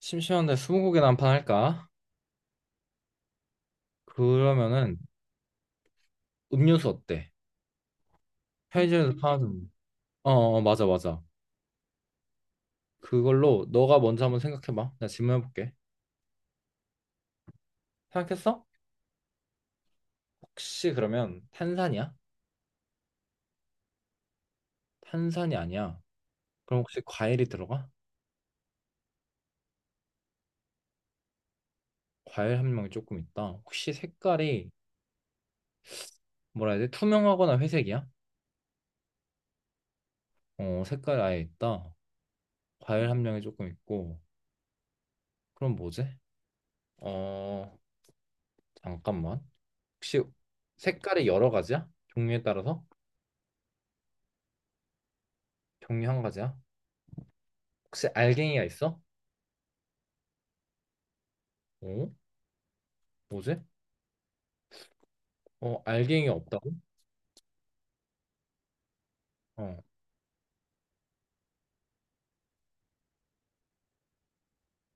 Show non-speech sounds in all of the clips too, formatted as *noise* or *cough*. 심심한데 스무고개나 한 판 할까? 그러면은 음료수 어때? 편의점에서 파는 음료. 어, 어, 맞아, 맞아. 그걸로 너가 먼저 한번 생각해봐. 나 질문해볼게. 생각했어? 혹시 그러면 탄산이야? 탄산이 아니야. 그럼 혹시 과일이 들어가? 과일 함량이 조금 있다. 혹시 색깔이 뭐라 해야 돼? 투명하거나 회색이야? 어, 색깔 아예 있다. 과일 함량이 조금 있고. 그럼 뭐지? 어, 잠깐만. 혹시 색깔이 여러 가지야? 종류에 따라서? 종류 한 가지야? 혹시 알갱이가 있어? 어? 뭐지? 알갱이 없다고? 어.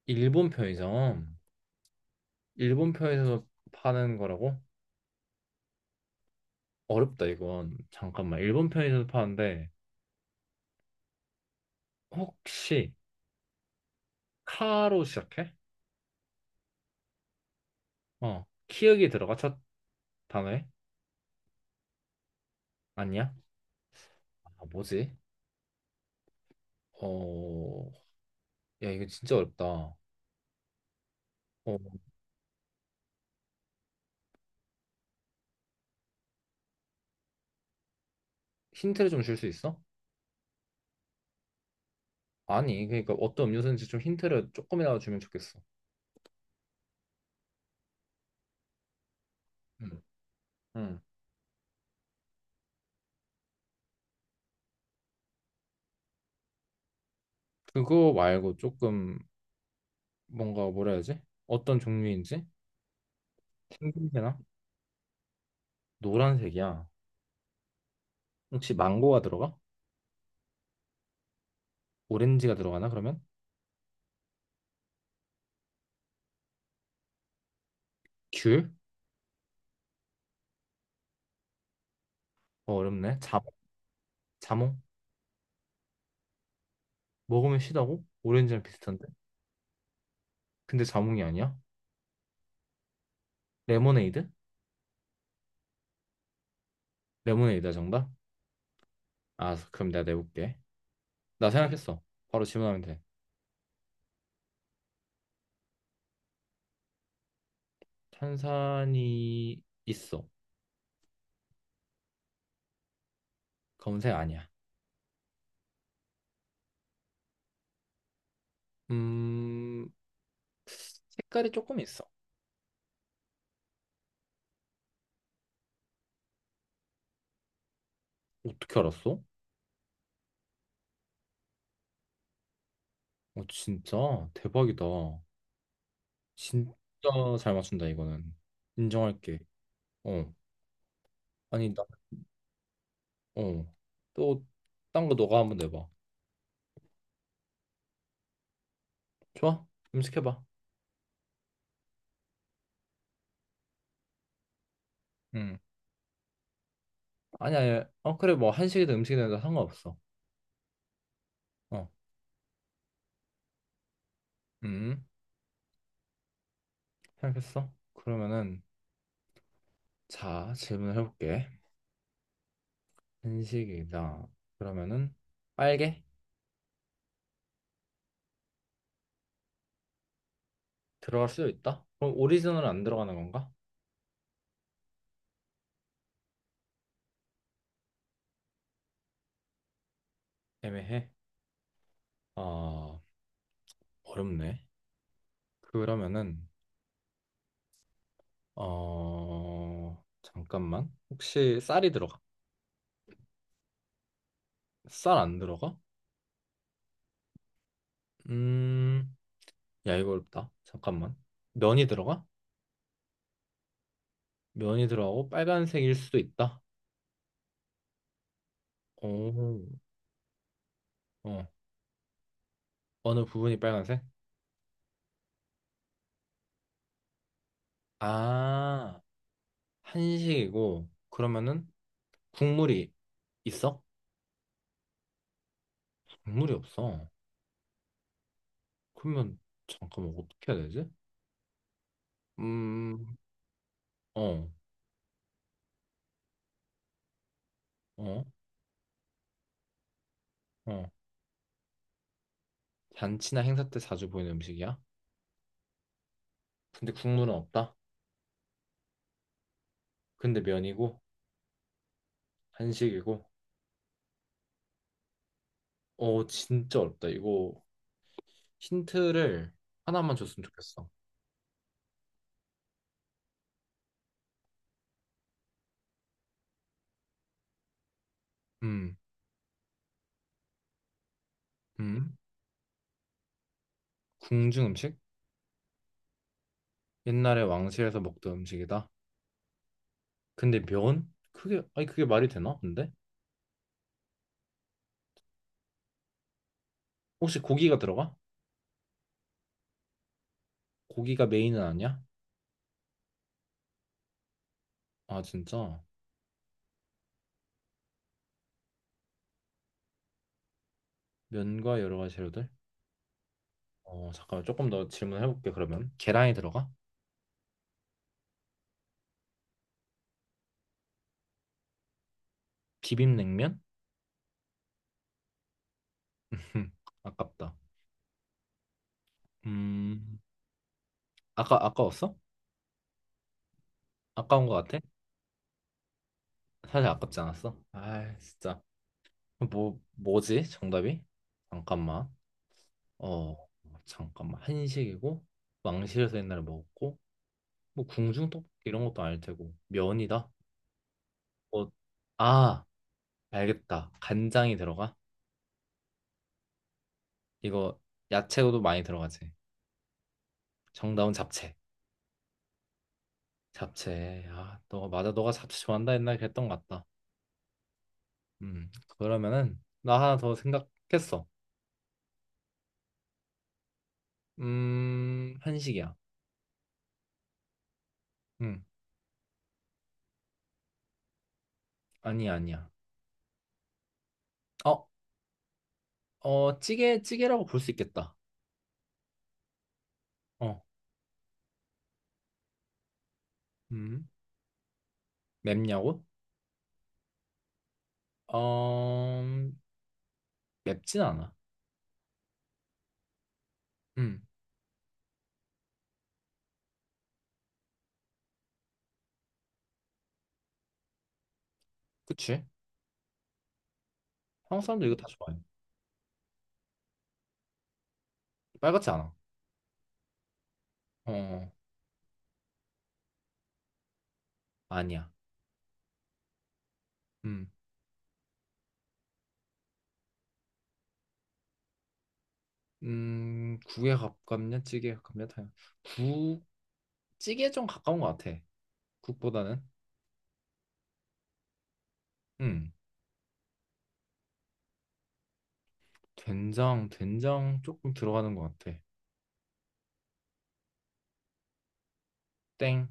일본 편의점. 일본 편의점에서 파는 거라고? 어렵다, 이건. 잠깐만. 일본 편의점에서 파는데, 혹시, 카로 시작해? 어. 키읔이 들어가? 첫 단어에? 아니야? 아, 뭐지? 어, 야, 이거 진짜 어렵다. 힌트를 좀 줄 수 있어? 아니, 그러니까 어떤 음료수인지 좀 힌트를 조금이라도 주면 좋겠어. 응. 응. 그거 말고 조금 뭔가 뭐라 해야지? 어떤 종류인지? 생김새나? 노란색이야. 혹시 망고가 들어가? 오렌지가 들어가나 그러면? 귤? 어렵네. 자, 자몽? 먹으면 시다고? 오렌지랑 비슷한데? 근데 자몽이 아니야? 레모네이드? 레모네이드야 정답? 아 그럼 내가 내볼게. 나 생각했어. 바로 질문하면 돼. 탄산이 있어. 검은색 아니야. 음 색깔이 조금 있어. 어떻게 알았어? 진짜 대박이다. 진짜 잘 맞춘다. 이거는 인정할게. 어. 아니, 나어또딴거 너가 한번 내봐. 좋아. 음식 해봐. 응. 아니 아니 어 그래, 뭐 한식이든 음식이든 다 상관없어. 어음 생각했어, 그러면은. 자 질문을 해볼게. 한식이다, 그러면은 빨개. 들어갈 수도 있다. 그럼 오리지널은 안 들어가는 건가? 애매해. 아 어렵네. 그러면은 잠깐만, 혹시 쌀이 들어가? 쌀 안 들어가? 음, 야, 이거 어렵다. 잠깐만. 면이 들어가? 면이 들어가고 빨간색일 수도 있다. 오, 어, 어느 부분이 빨간색? 아, 한식이고, 그러면은 국물이 있어? 국물이 없어. 그러면, 잠깐만, 어떻게 해야 되지? 음, 어, 어, 어. 잔치나 행사 때 자주 보이는 음식이야? 근데 국물은 없다? 근데 면이고, 한식이고, 진짜 어렵다. 이거 힌트를 하나만 줬으면 좋겠어. 음, 음, 궁중 음식? 옛날에 왕실에서 먹던 음식이다. 근데 면? 그게, 아니, 그게 말이 되나? 근데? 혹시 고기가 들어가? 고기가 메인은 아니야? 아, 진짜? 면과 여러 가지 재료들? 잠깐만, 조금 더 질문해볼게, 그러면. 계란이 들어가? 비빔냉면? *laughs* 흠, 아깝다. 음, 아까웠어? 아까운 것 같아? 사실 아깝지 않았어? 아, 진짜. 뭐지? 정답이? 잠깐만. 어 잠깐만, 한식이고 왕실에서 옛날에 먹었고 뭐 궁중 떡볶이 이런 것도 아닐 테고 면이다. 어, 아 알겠다. 간장이 들어가? 이거 야채도 많이 들어가지. 정답은 잡채. 잡채. 아 너 맞아. 너가 잡채 좋아한다 옛날에 그랬던 것 같다. 음 그러면은 나 하나 더 생각했어. 한식이야. 음 아니야 아니야. 어 어, 찌개라고 볼 수 있겠다. 어. 음 맵냐고? 어, 맵진 않아. 음, 그치? 한국 사람들 이거 다 좋아해. 빨갛지 않아. 어, 아니야. 음, 국에 가깝냐, 찌개에 가깝냐, 다, 국, 찌개에 좀 가까운 것 같아. 국보다는. 음, 된장 조금 들어가는 것 같아. 땡,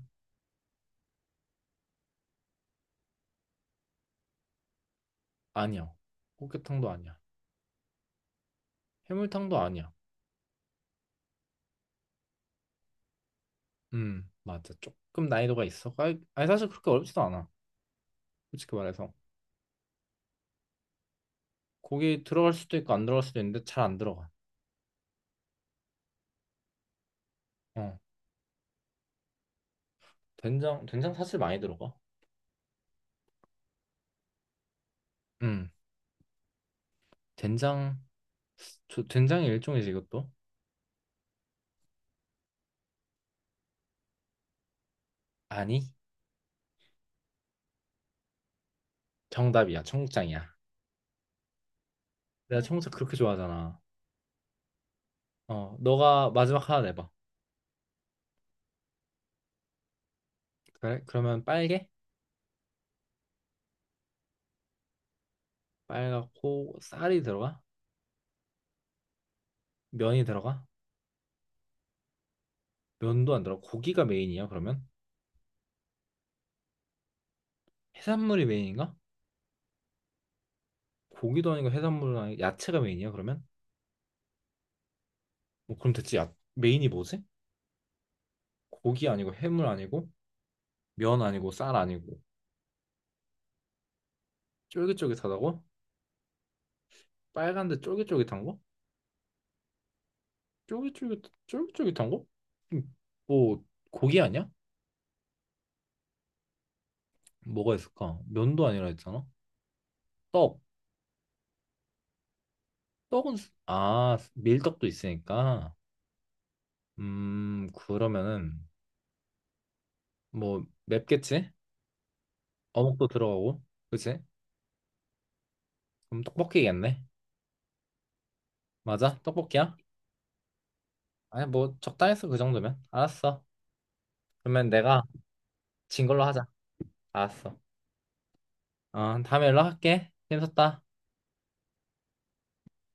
아니야. 꽃게탕도 아니야. 해물탕도 아니야. 맞아. 조금 난이도가 있어. 아니, 아니, 사실 그렇게 어렵지도 않아. 솔직히 말해서. 고기 들어갈 수도 있고 안 들어갈 수도 있는데 잘 안 들어가. 어, 된장 사실 많이 들어가. 음, 된장. 저 된장이 일종이지 이것도? 아니, 정답이야. 청국장이야. 내가 응. 청국장 그렇게 좋아하잖아. 너가 마지막 하나 내봐. 그래? 그러면 빨개? 빨갛고 쌀이 들어가? 면이 들어가? 면도 안 들어가. 고기가 메인이야, 그러면? 해산물이 메인인가? 고기도 아니고 해산물은 아니고 야채가 메인이야, 그러면? 뭐 그럼 대체 야, 메인이 뭐지? 고기 아니고 해물 아니고 면 아니고 쌀 아니고 쫄깃쫄깃하다고? 빨간데 쫄깃쫄깃한 거? 쫄깃쫄깃 쫄깃쫄깃한 거? 음, 뭐 고기 아니야? 뭐가 있을까? 면도 아니라 했잖아. 떡. 떡은 아 밀떡도 있으니까. 그러면은 뭐 맵겠지? 어묵도 들어가고. 그치? 그럼 떡볶이겠네. 맞아? 떡볶이야? 아니 뭐 적당했어 그 정도면. 알았어. 그러면 내가 진 걸로 하자. 알았어. 다음에 연락할게. 힘썼다.